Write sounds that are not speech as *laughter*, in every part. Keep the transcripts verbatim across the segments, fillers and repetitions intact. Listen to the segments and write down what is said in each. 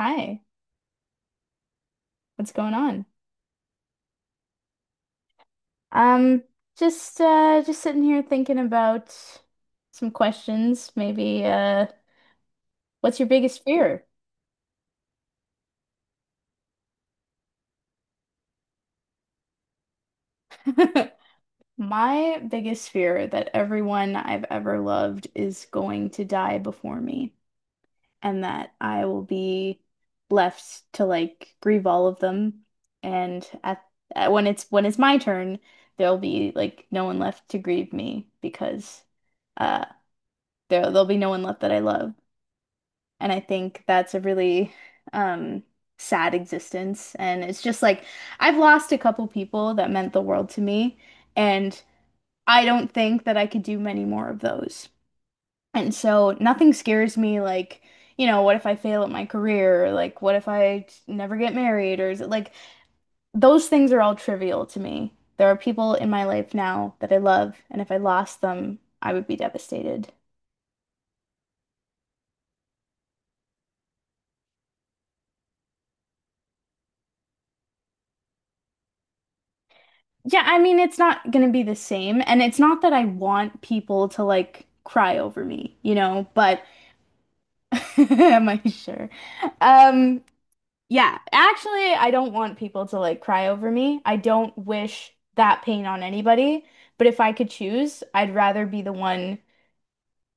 Hi, what's going on? Um, just uh just sitting here thinking about some questions. Maybe uh what's your biggest fear? *laughs* My biggest fear that everyone I've ever loved is going to die before me and that I will be left to like grieve all of them and at, at when it's when it's my turn, there'll be like no one left to grieve me because uh there there'll be no one left that I love. And I think that's a really um, sad existence. And it's just like I've lost a couple people that meant the world to me. And I don't think that I could do many more of those. And so nothing scares me like, you know, what if I fail at my career? Or, like, what if I never get married? Or is it like those things are all trivial to me. There are people in my life now that I love. And if I lost them, I would be devastated. Yeah, I mean, it's not going to be the same. And it's not that I want people to like cry over me, you know, but *laughs* am I sure? Um, yeah, actually, I don't want people to like cry over me. I don't wish that pain on anybody. But if I could choose, I'd rather be the one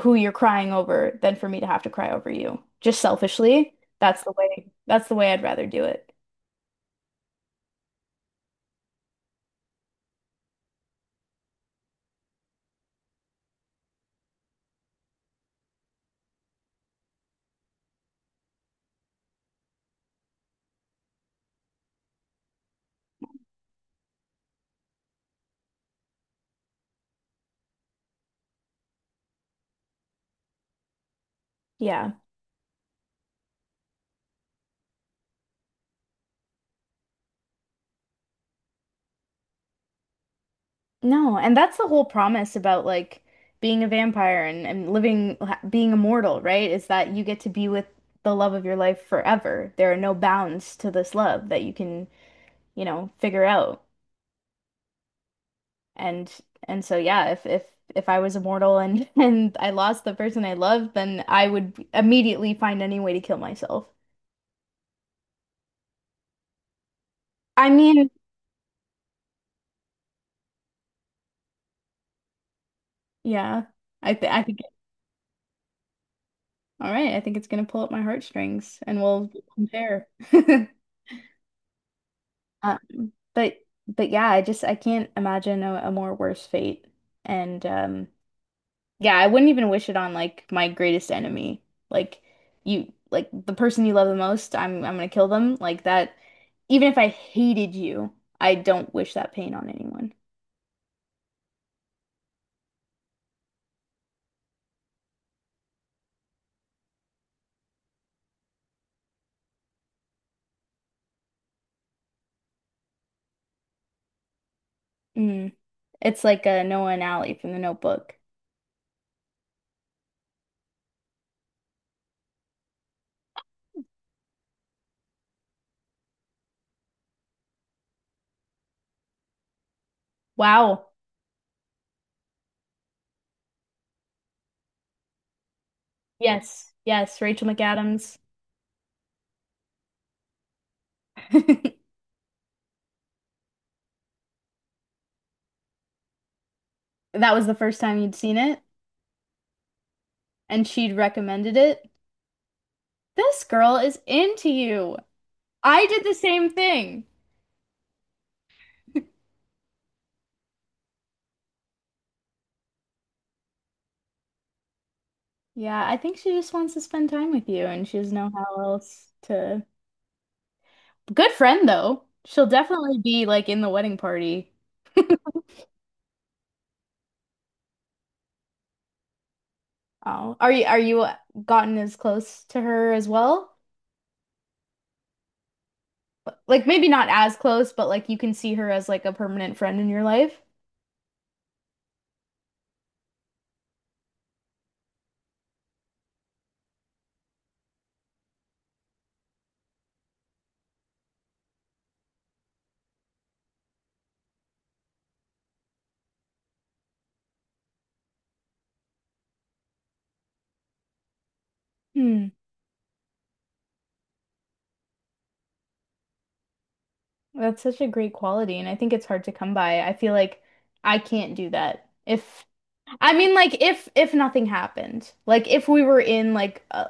who you're crying over than for me to have to cry over you. Just selfishly, that's the way, that's the way I'd rather do it. Yeah. No, and that's the whole promise about like being a vampire and, and living, ha- being immortal, right? Is that you get to be with the love of your life forever. There are no bounds to this love that you can, you know, figure out. And and so yeah, if if if I was immortal and *laughs* and I lost the person I loved, then I would immediately find any way to kill myself. I mean, yeah, I th I think all right, I think it's gonna pull up my heartstrings and we'll compare. *laughs* Um, but but yeah, I just I can't imagine a, a more worse fate. And um yeah, I wouldn't even wish it on like my greatest enemy. Like you like the person you love the most, I'm I'm gonna kill them. Like that even if I hated you, I don't wish that pain on anyone. Mm. It's like a Noah and Allie from The Notebook. Wow. Yes, yes, Rachel McAdams. *laughs* That was the first time you'd seen it, and she'd recommended it. This girl is into you. I did the same thing. *laughs* Yeah, I think she just wants to spend time with you, and she doesn't know how else to. Good friend though. She'll definitely be like in the wedding party. Oh, are you are you gotten as close to her as well? Like maybe not as close, but like you can see her as like a permanent friend in your life. Hmm. That's such a great quality, and I think it's hard to come by. I feel like I can't do that. If I mean, like, if if nothing happened, like if we were in like a,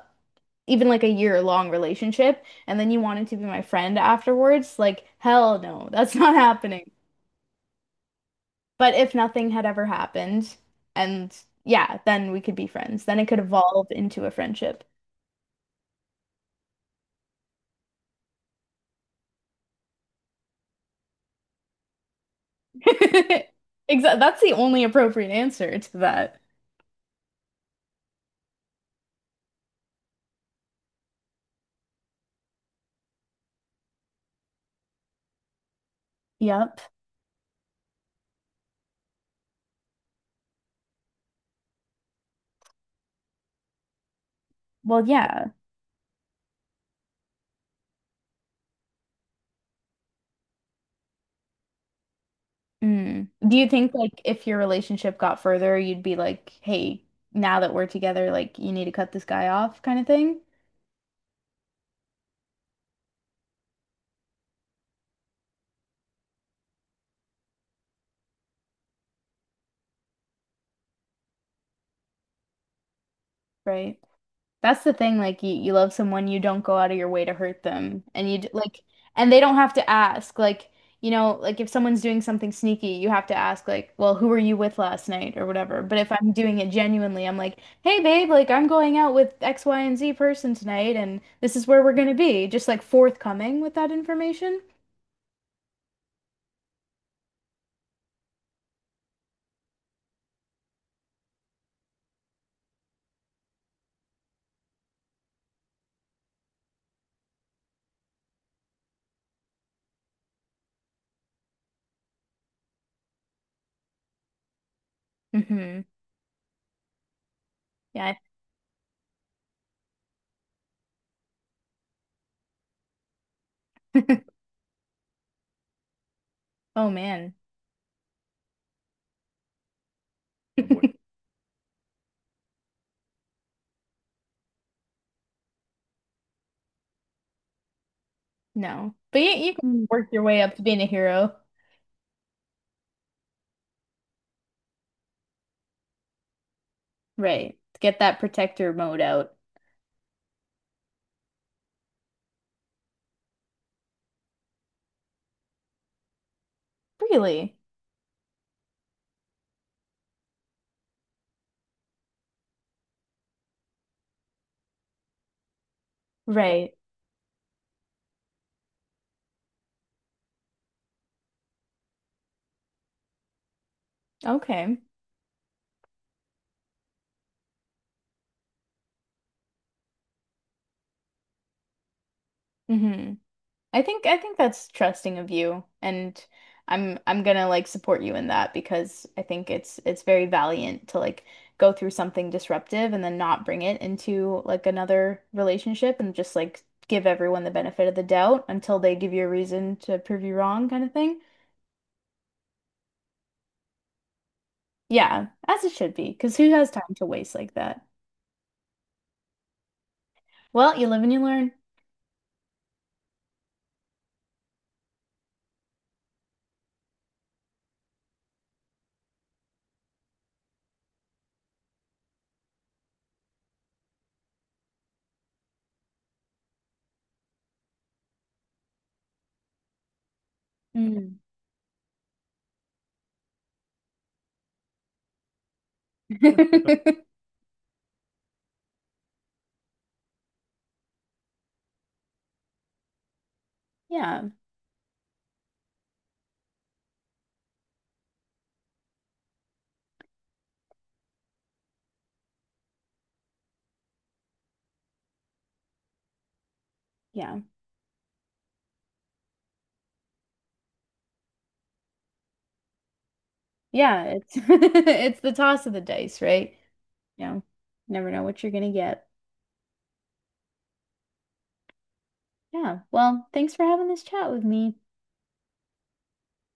even like a year long relationship, and then you wanted to be my friend afterwards, like hell no, that's *laughs* not happening. But if nothing had ever happened, and yeah, then we could be friends. Then it could evolve into a friendship. *laughs* Exactly. That's the only appropriate answer to that. Yep. Well, yeah. Mm. Do you think like if your relationship got further, you'd be like, "Hey, now that we're together, like you need to cut this guy off," kind of thing? Right. That's the thing. Like you, you love someone, you don't go out of your way to hurt them, and you d- like, and they don't have to ask. Like you know, like if someone's doing something sneaky, you have to ask, like, "Well, who were you with last night?" or whatever. But if I'm doing it genuinely, I'm like, "Hey, babe, like I'm going out with X, Y, and Z person tonight, and this is where we're gonna be." Just like forthcoming with that information. Mm-hmm. Yeah, I *laughs* Oh man. *laughs* No. But you, you can Mm. work your way up to being a hero. Right. To get that protector mode out. Really? Right. Okay. Hmm. I think I think that's trusting of you and I'm I'm gonna like support you in that because I think it's it's very valiant to like go through something disruptive and then not bring it into like another relationship and just like give everyone the benefit of the doubt until they give you a reason to prove you wrong kind of thing. Yeah, as it should be, because who has time to waste like that? Well, you live and you learn. Mm. *laughs* Yeah, yeah, yeah. It's *laughs* it's the toss of the dice, right? You know, never know what you're gonna get. Yeah. Well, thanks for having this chat with me.